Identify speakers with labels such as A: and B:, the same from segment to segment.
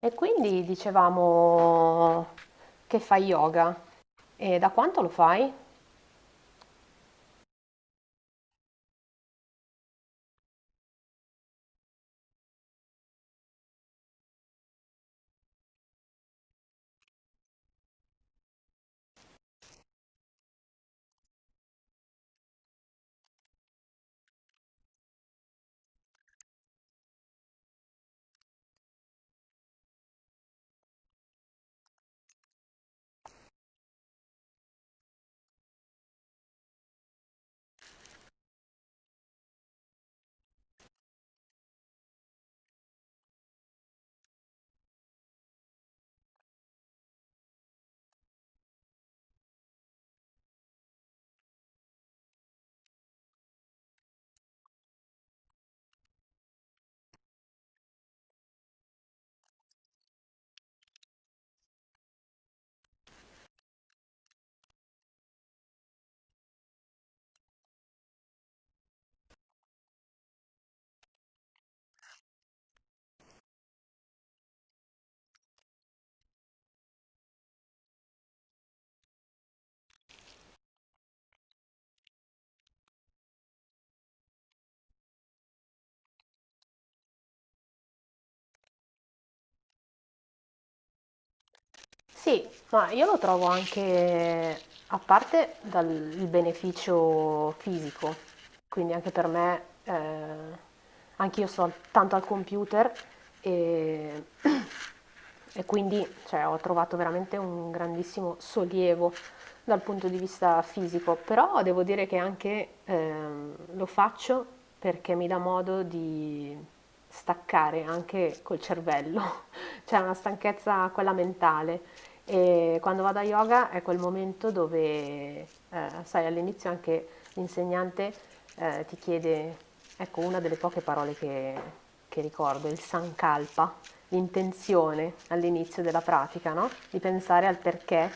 A: E quindi dicevamo che fai yoga e da quanto lo fai? Sì, ma io lo trovo anche, a parte dal il beneficio fisico, quindi anche per me, anch'io sto al- tanto al computer e, e quindi cioè, ho trovato veramente un grandissimo sollievo dal punto di vista fisico, però devo dire che anche lo faccio perché mi dà modo di staccare anche col cervello, c'è una stanchezza quella mentale e quando vado a yoga è quel momento dove, sai, all'inizio anche l'insegnante ti chiede, ecco, una delle poche parole che ricordo, il sankalpa, l'intenzione all'inizio della pratica, no? Di pensare al perché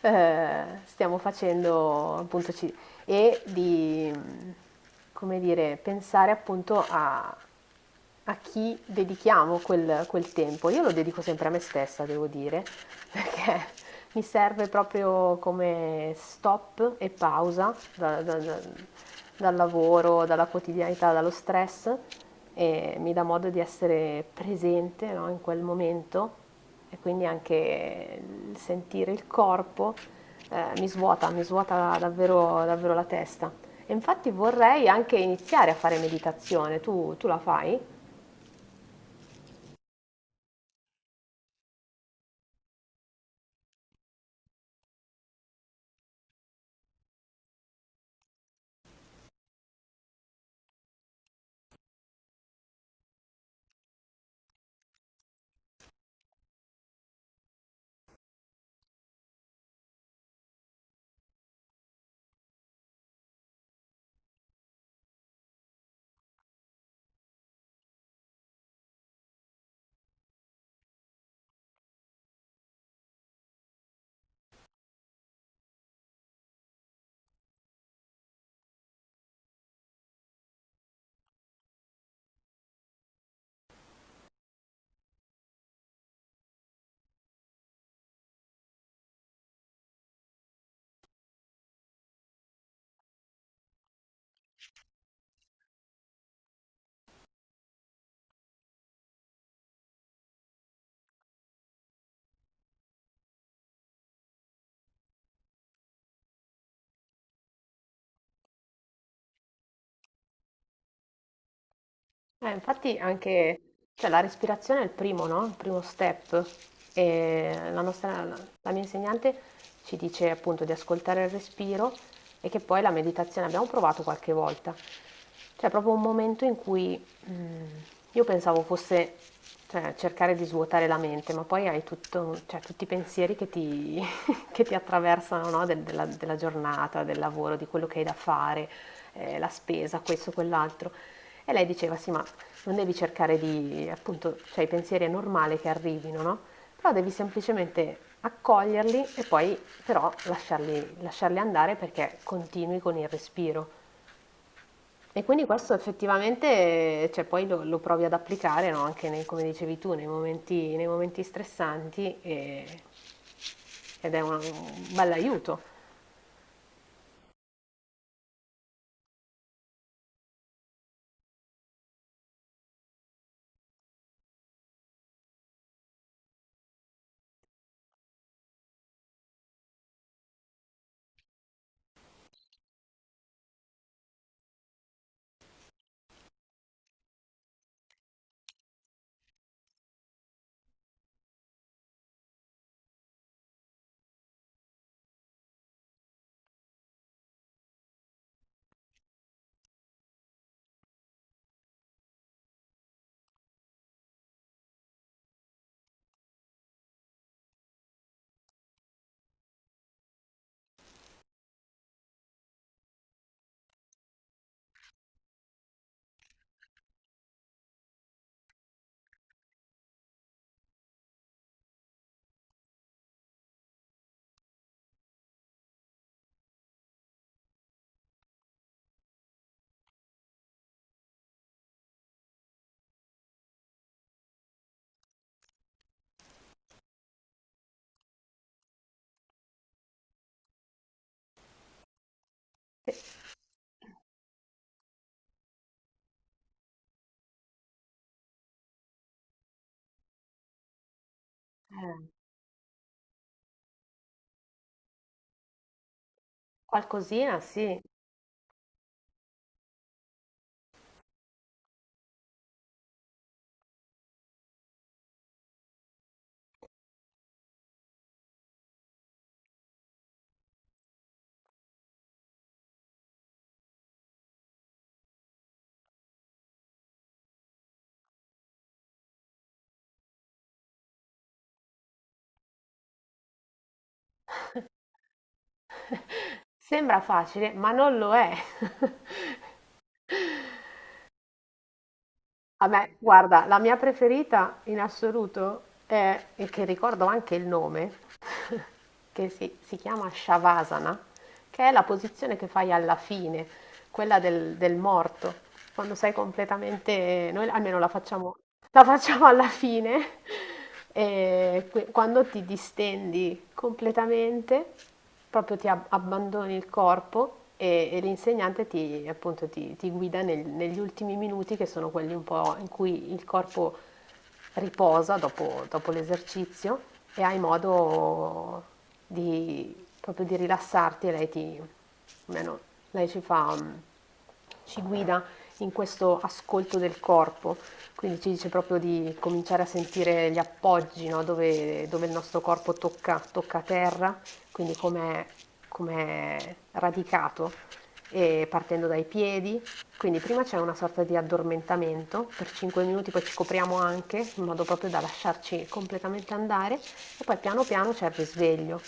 A: stiamo facendo, appunto, ci- e di, come dire, pensare appunto a, a chi dedichiamo quel tempo. Io lo dedico sempre a me stessa, devo dire, perché mi serve proprio come stop e pausa dal lavoro, dalla quotidianità, dallo stress e mi dà modo di essere presente, no, in quel momento e quindi anche il sentire il corpo mi svuota davvero, davvero la testa. E infatti vorrei anche iniziare a fare meditazione, tu la fai? Infatti anche, cioè, la respirazione è il primo, no? Il primo step. E la mia insegnante ci dice appunto di ascoltare il respiro e che poi la meditazione abbiamo provato qualche volta. Cioè, è proprio un momento in cui mm, io pensavo fosse, cioè, cercare di svuotare la mente, ma poi hai tutto- cioè, tutti i pensieri che ti, che ti attraversano, no? Del- della giornata, del lavoro, di quello che hai da fare, la spesa, questo, quell'altro. E lei diceva, sì, ma non devi cercare di, appunto, cioè i pensieri è normale che arrivino, no? Però devi semplicemente accoglierli e poi però lasciarli, lasciarli andare perché continui con il respiro. E quindi questo effettivamente, cioè, poi lo provi ad applicare, no? Anche nei- come dicevi tu, nei momenti stressanti e- ed è un bell'aiuto. Eh, qualcosina, sì. Sembra facile, ma non lo è. Vabbè, guarda, la mia preferita in assoluto è, e che ricordo anche il nome, che si chiama Shavasana, che è la posizione che fai alla fine, quella del, del morto, quando sei completamente, noi almeno la facciamo alla fine, que- quando ti distendi completamente, proprio ti ab- abbandoni il corpo e l'insegnante ti, appunto, ti- ti guida nel- negli ultimi minuti che sono quelli un po' in cui il corpo riposa dopo, dopo l'esercizio e hai modo di, proprio di rilassarti e lei ti, almeno lei ci fa, ci guida in questo ascolto del corpo. Quindi ci dice proprio di cominciare a sentire gli appoggi, no? Dove, dove il nostro corpo tocca, tocca terra, quindi come è radicato, e partendo dai piedi. Quindi prima c'è una sorta di addormentamento per 5 minuti, poi ci copriamo anche in modo proprio da lasciarci completamente andare e poi piano piano c'è il risveglio.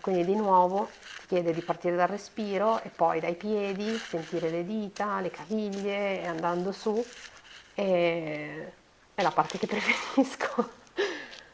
A: Quindi di nuovo ti chiede di partire dal respiro e poi dai piedi, sentire le dita, le caviglie e andando su. E... è la parte che preferisco.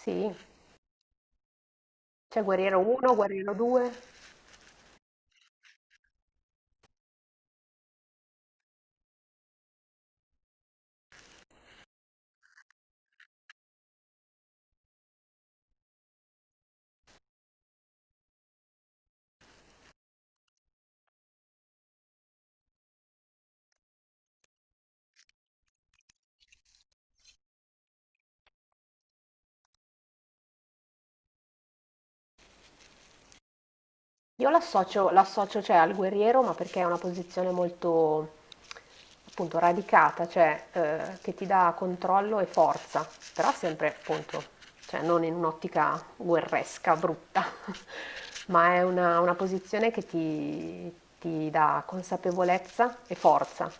A: Sì, c'è guerriero 1, guerriero 2. Io l'associo, cioè, al guerriero, ma perché è una posizione molto appunto radicata, cioè che ti dà controllo e forza, però sempre appunto, cioè, non in un'ottica guerresca, brutta, ma è una posizione che ti dà consapevolezza e forza,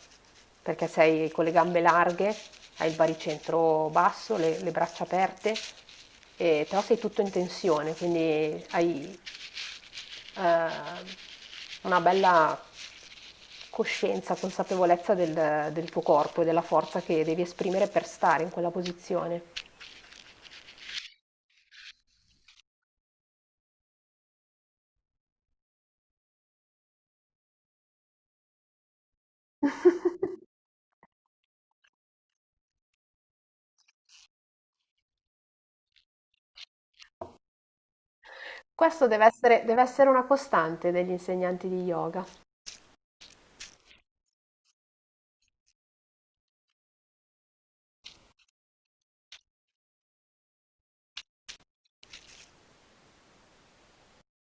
A: perché sei con le gambe larghe, hai il baricentro basso, le braccia aperte, e- però sei tutto in tensione, quindi hai eh, una bella coscienza, consapevolezza del, del tuo corpo e della forza che devi esprimere per stare in quella posizione. Questo deve essere una costante degli insegnanti di yoga.